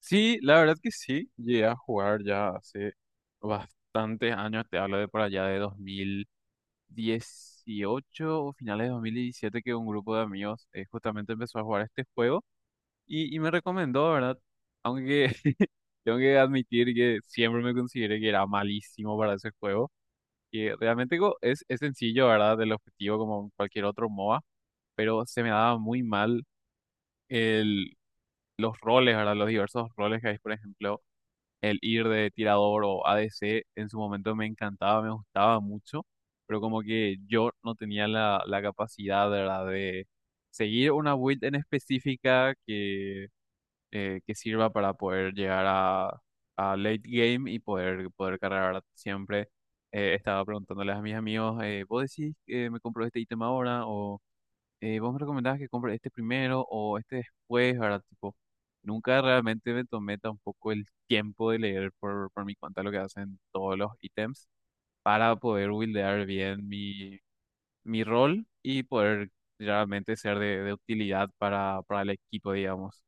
Sí, la verdad que sí, llegué a jugar ya hace bastantes años, te hablo de por allá de 2018 o finales de 2017, que un grupo de amigos justamente empezó a jugar este juego y me recomendó, ¿verdad? Aunque tengo que admitir que siempre me consideré que era malísimo para ese juego, que realmente es sencillo, ¿verdad? El objetivo como cualquier otro MOBA, pero se me daba muy mal el, los roles, ¿verdad? Los diversos roles que hay, por ejemplo. El ir de tirador o ADC en su momento me encantaba, me gustaba mucho, pero como que yo no tenía la capacidad, ¿verdad?, de seguir una build en específica que sirva para poder a late game y poder, cargar, ¿verdad?, siempre. Estaba preguntándoles a mis amigos, ¿vos decís que me compro este ítem ahora? ¿Vos me recomendabas que compre este primero o este después, ¿verdad? Tipo, nunca realmente me tomé tampoco el tiempo de leer por mi cuenta lo que hacen todos los ítems para poder buildear bien mi rol y poder realmente ser de utilidad para el equipo, digamos.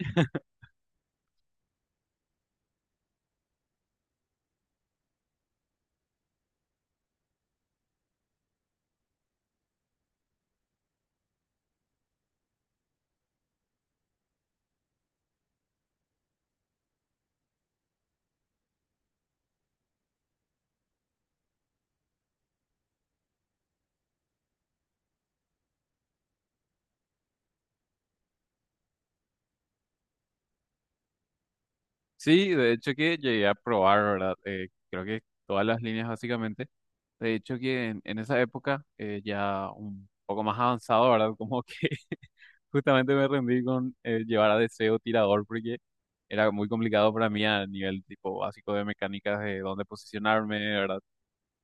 Sí, de hecho que llegué a probar, ¿verdad? Creo que todas las líneas básicamente. De hecho que en esa época ya un poco más avanzado, ¿verdad? Como que justamente me rendí con llevar a Deseo tirador porque era muy complicado para mí a nivel tipo básico de mecánicas de dónde posicionarme, ¿verdad?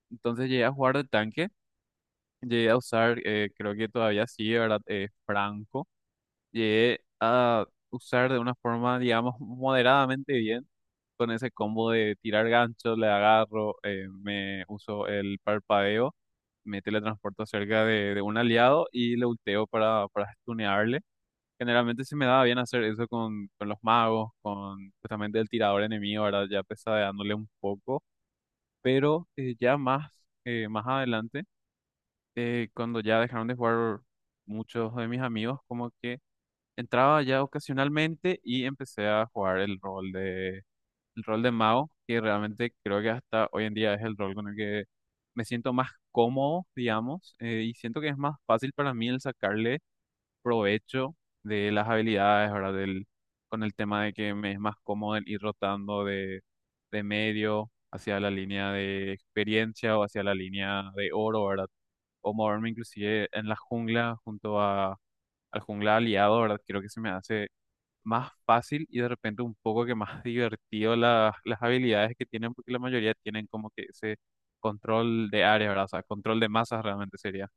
Entonces llegué a jugar de tanque, llegué a usar, creo que todavía sí, ¿verdad? Franco, llegué a usar de una forma, digamos, moderadamente bien, con ese combo de tirar gancho, le agarro, me uso el parpadeo, me teletransporto cerca de un aliado y le ulteo para stunearle. Generalmente se me daba bien hacer eso con los magos, con justamente el tirador enemigo, ¿verdad? Ya pesadeándole un poco. Pero ya más, más adelante, cuando ya dejaron de jugar muchos de mis amigos, como que entraba ya ocasionalmente y empecé a jugar el rol de mago, que realmente creo que hasta hoy en día es el rol con el que me siento más cómodo, digamos, y siento que es más fácil para mí el sacarle provecho de las habilidades, ¿verdad? Del, con el tema de que me es más cómodo el ir rotando de medio hacia la línea de experiencia o hacia la línea de oro, ¿verdad? O moverme inclusive en la jungla junto a, al jungla aliado, ¿verdad? Creo que se me hace más fácil y de repente un poco que más divertido las habilidades que tienen, porque la mayoría tienen como que ese control de área, ¿verdad? O sea, control de masas realmente sería.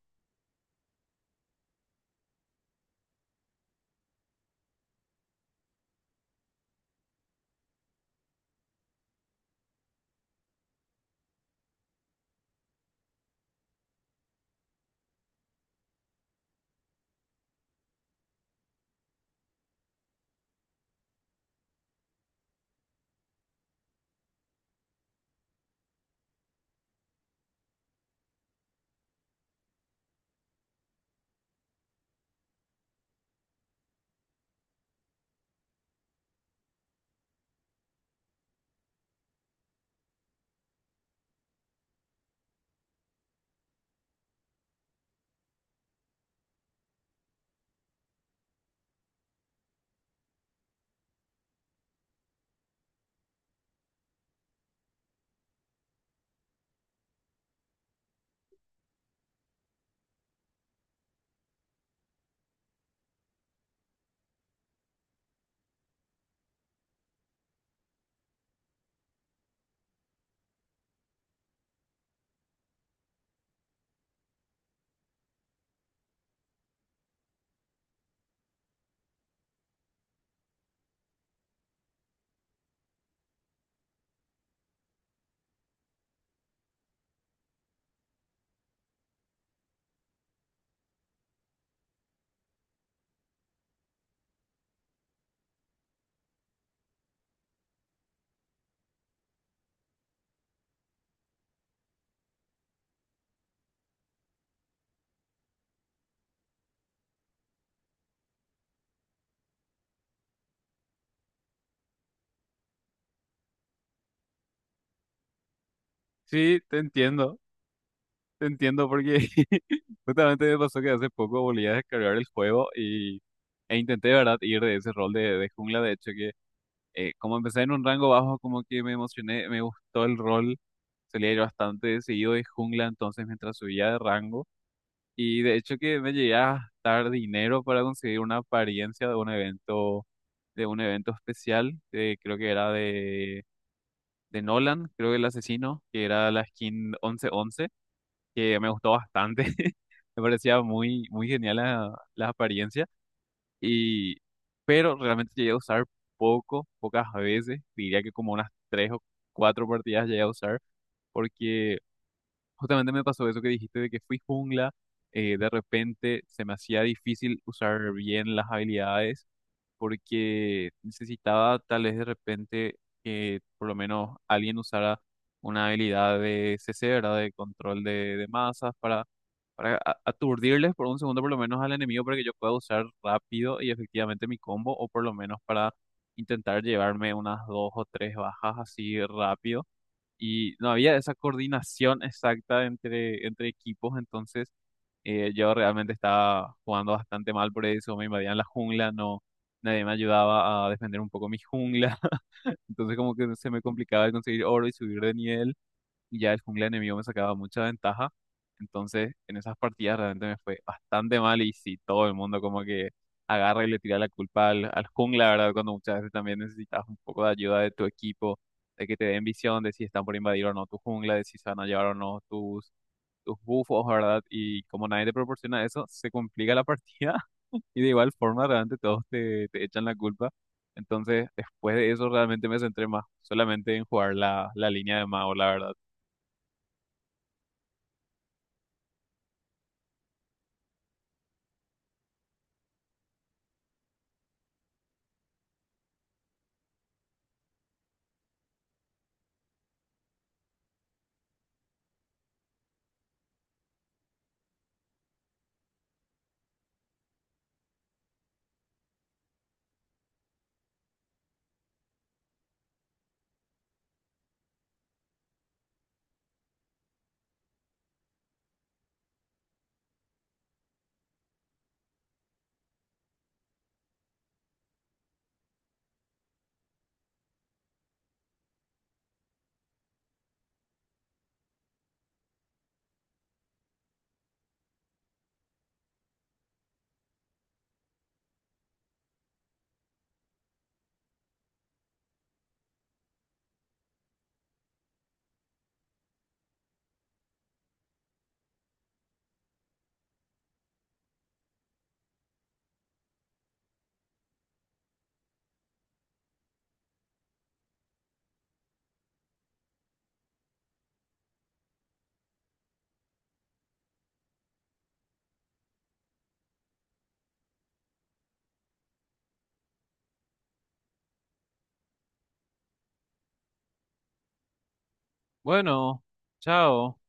Sí, te entiendo. Te entiendo porque justamente me pasó que hace poco volví a descargar el juego y, e intenté, de ¿verdad?, ir de ese rol de jungla. De hecho, que como empecé en un rango bajo, como que me emocioné, me gustó el rol. Solía ir bastante seguido de jungla, entonces mientras subía de rango. Y de hecho que me llegué a gastar dinero para conseguir una apariencia de un evento especial, creo que era de Nolan, creo que el asesino, que era la skin 11 11, que me gustó bastante. Me parecía muy, muy genial la apariencia. Y, pero realmente llegué a usar poco, pocas veces. Diría que como unas tres o cuatro partidas llegué a usar. Porque justamente me pasó eso que dijiste de que fui jungla, de repente se me hacía difícil usar bien las habilidades, porque necesitaba tal vez de repente que por lo menos alguien usara una habilidad de CC, ¿verdad? De control de masas para aturdirles por un segundo por lo menos al enemigo para que yo pueda usar rápido y efectivamente mi combo, o por lo menos para intentar llevarme unas dos o tres bajas así rápido, y no había esa coordinación exacta entre equipos, entonces yo realmente estaba jugando bastante mal por eso, me invadían la jungla, no, nadie me ayudaba a defender un poco mi jungla, entonces como que se me complicaba el conseguir oro y subir de nivel, y ya el jungla enemigo me sacaba mucha ventaja. Entonces, en esas partidas realmente me fue bastante mal y sí, todo el mundo como que agarra y le tira la culpa al jungla, ¿verdad? Cuando muchas veces también necesitas un poco de ayuda de tu equipo, de que te den visión de si están por invadir o no tu jungla, de si se van a llevar o no tus, tus buffos, ¿verdad? Y como nadie te proporciona eso, se complica la partida y de igual forma realmente todos te, te echan la culpa. Entonces, después de eso realmente me centré más solamente en jugar la, la línea de mago, la verdad. Bueno, chao.